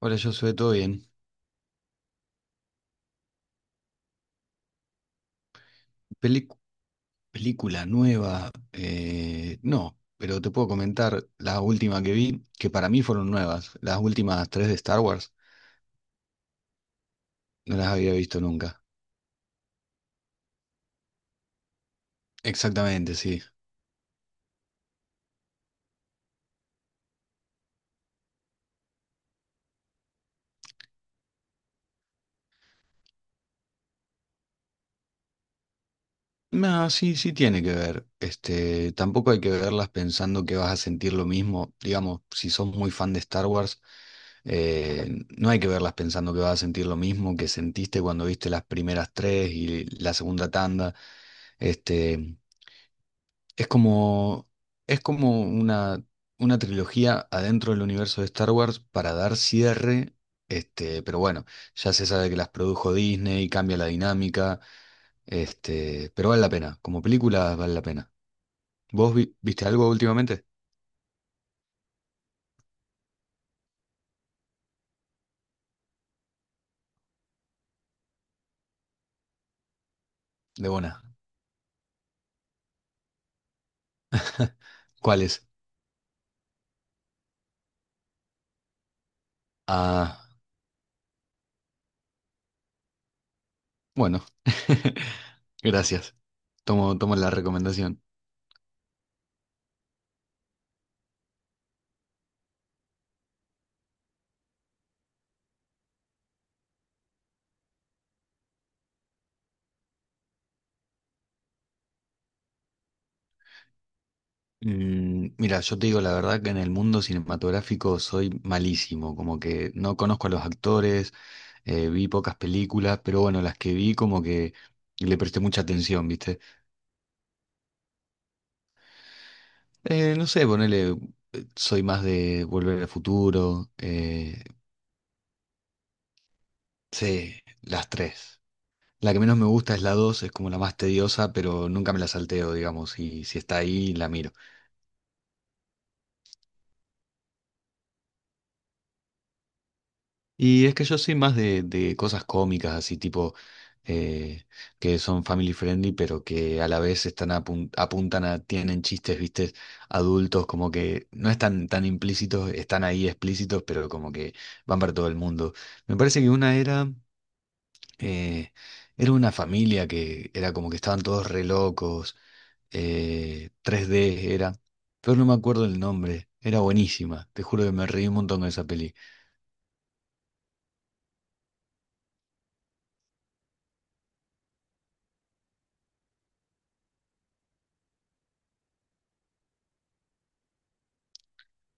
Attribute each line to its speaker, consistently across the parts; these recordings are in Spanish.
Speaker 1: Hola, yo soy todo bien. Pelic- película nueva, no, pero te puedo comentar la última que vi, que para mí fueron nuevas. Las últimas tres de Star Wars no las había visto nunca. Exactamente, sí. No, sí, sí tiene que ver. Este, tampoco hay que verlas pensando que vas a sentir lo mismo. Digamos, si sos muy fan de Star Wars, eh, no hay que verlas pensando que vas a sentir lo mismo que sentiste cuando viste las primeras tres y la segunda tanda. Este, Es como, es como una trilogía adentro del universo de Star Wars para dar cierre, pero bueno, ya se sabe que las produjo Disney, cambia la dinámica, pero vale la pena, como película vale la pena. ¿Vos viste algo últimamente? De buena. ¿Cuál es? Ah, bueno, gracias. Tomo la recomendación. Mm, mira, yo te digo la verdad que en el mundo cinematográfico soy malísimo, como que no conozco a los actores, vi pocas películas, pero bueno, las que vi como que le presté mucha atención, ¿viste? No sé, ponele, soy más de Volver al Futuro, sí, las tres. La que menos me gusta es la dos, es como la más tediosa, pero nunca me la salteo, digamos, y si está ahí, la miro. Y es que yo soy más de cosas cómicas, así tipo, eh, que son family friendly, pero que a la vez están apuntan a, tienen chistes, viste, adultos, como que no están tan implícitos, están ahí explícitos, pero como que van para todo el mundo. Me parece que una era, eh, era una familia que era como que estaban todos re locos, 3D era, pero no me acuerdo el nombre, era buenísima, te juro que me reí un montón de esa peli.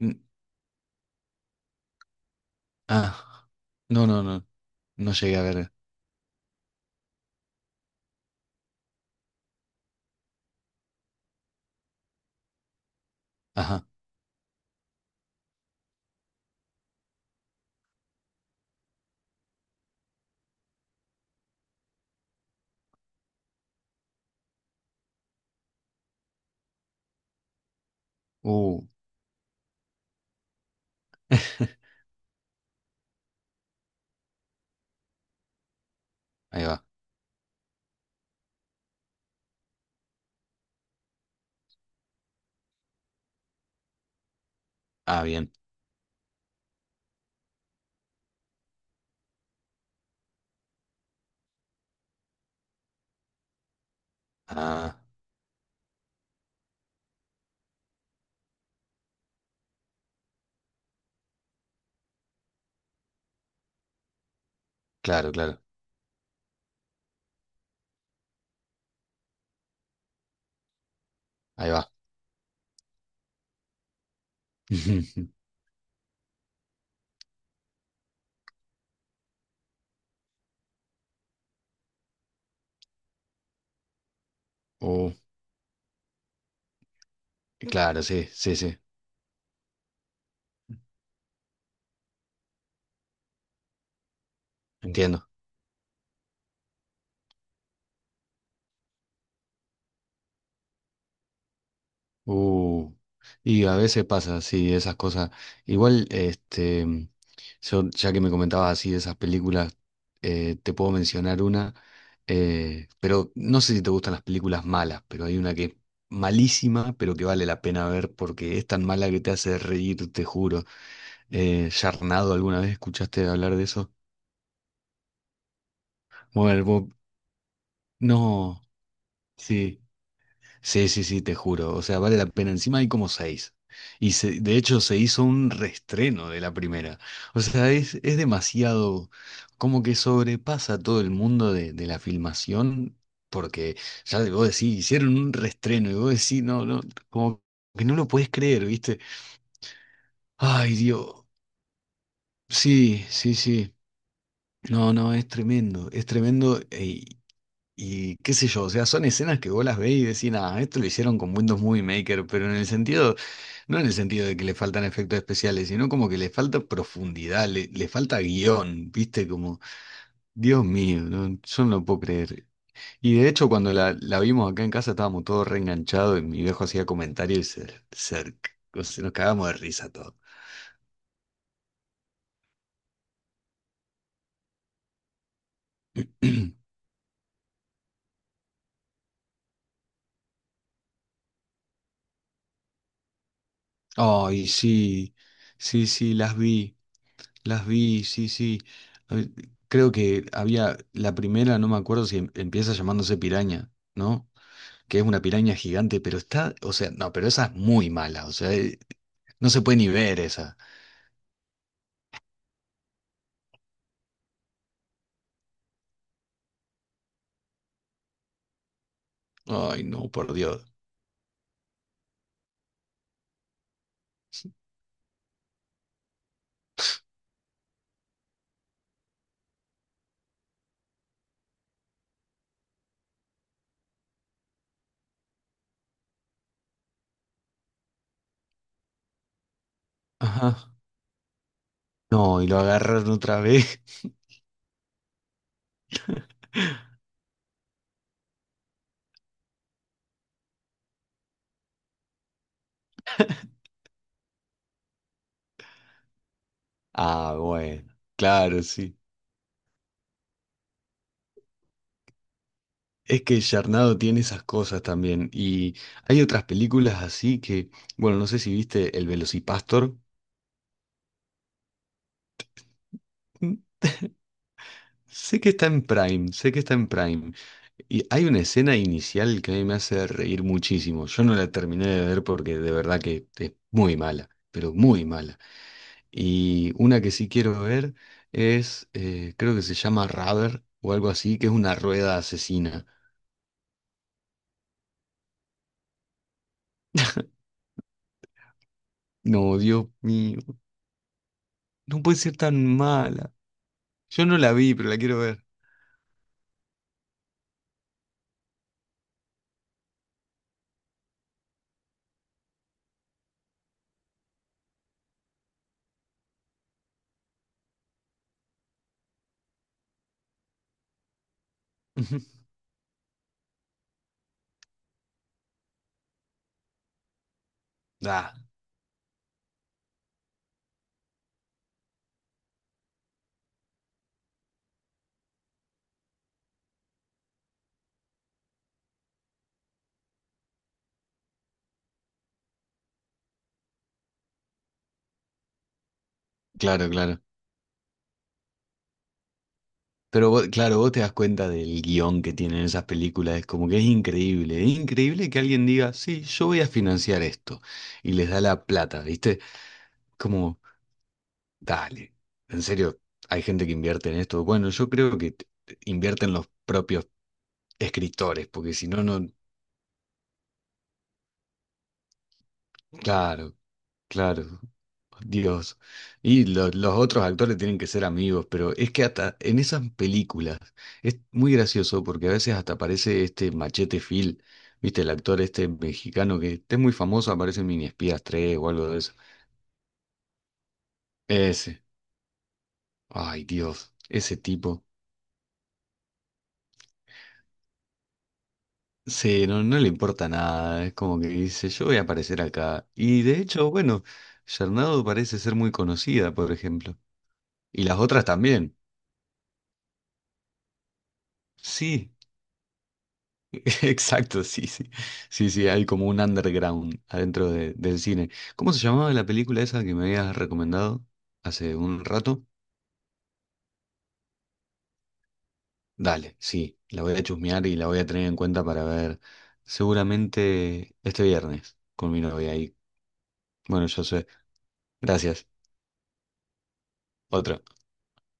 Speaker 1: Mm, ah. No, no, no. No llegué a ver. Ajá. Uh, ahí va. Ah, bien. Ah, claro, claro. Ahí va. Uh, claro, sí, sí, sí. Entiendo. Uh, y a veces pasa, sí, esas cosas. Igual, yo, ya que me comentabas así de esas películas, te puedo mencionar una, pero no sé si te gustan las películas malas, pero hay una que es malísima, pero que vale la pena ver porque es tan mala que te hace reír, te juro. Yarnado, ¿alguna vez escuchaste hablar de eso? Bueno, no, sí, sí, sí, sí, te juro. O sea, vale la pena. Encima hay como seis. De hecho se hizo un reestreno de la primera. O sea, es demasiado, como que sobrepasa todo el mundo de la filmación, porque ya vos decís, hicieron un reestreno y vos decís, no, no, como que no lo podés creer, ¿viste? Ay, Dios. Sí, sí, sí. No, no, es tremendo, es tremendo. Y qué sé yo, o sea, son escenas que vos las ves y decís, ah, esto lo hicieron con Windows Movie Maker, pero en el sentido, no en el sentido de que le faltan efectos especiales, sino como que le falta profundidad, le falta guión, ¿viste? Como, Dios mío, no, yo no lo puedo creer. Y de hecho, cuando la vimos acá en casa estábamos todos reenganchados y mi viejo hacía comentarios y o sea, nos cagamos de risa todos. Ay, sí, sí, sí, las vi. Las vi, sí, sí. A ver, creo que había la primera, no me acuerdo si empieza llamándose piraña, ¿no? Que es una piraña gigante, pero está, o sea, no, pero esa es muy mala, o sea, no se puede ni ver esa. Ay, no, por Dios. Ajá. No, y lo agarraron otra vez. Ah, bueno, claro, sí. Es que Charnado tiene esas cosas también. Y hay otras películas así que, bueno, no sé si viste El Velocipastor. Sé que está en Prime, sé que está en Prime. Y hay una escena inicial que a mí me hace reír muchísimo. Yo no la terminé de ver porque de verdad que es muy mala, pero muy mala. Y una que sí quiero ver es, creo que se llama Rubber o algo así, que es una rueda asesina. No, Dios mío, no puede ser tan mala. Yo no la vi, pero la quiero ver. Ah, claro, claro. Claro, vos te das cuenta del guión que tienen esas películas, es como que es increíble que alguien diga, sí, yo voy a financiar esto, y les da la plata, ¿viste? Como, dale, en serio, hay gente que invierte en esto. Bueno, yo creo invierten los propios escritores, porque si no, no, claro, claro, Dios. Y los otros actores tienen que ser amigos, pero es que hasta en esas películas es muy gracioso porque a veces hasta aparece este Machete Phil, ¿viste? El actor este mexicano que este es muy famoso, aparece en Mini Espías 3 o algo de eso. Ese, ay Dios, ese tipo. Sí, no, no le importa nada, es como que dice, yo voy a aparecer acá. Y de hecho, bueno, Sharnado parece ser muy conocida, por ejemplo. Y las otras también. Sí, exacto, sí, sí. Sí, sí, hay como un underground adentro del cine. ¿Cómo se llamaba la película esa que me habías recomendado hace un rato? Dale, sí, la voy a chusmear y la voy a tener en cuenta para ver seguramente este viernes con mi novia ahí. Bueno, yo sé. Gracias. Otro.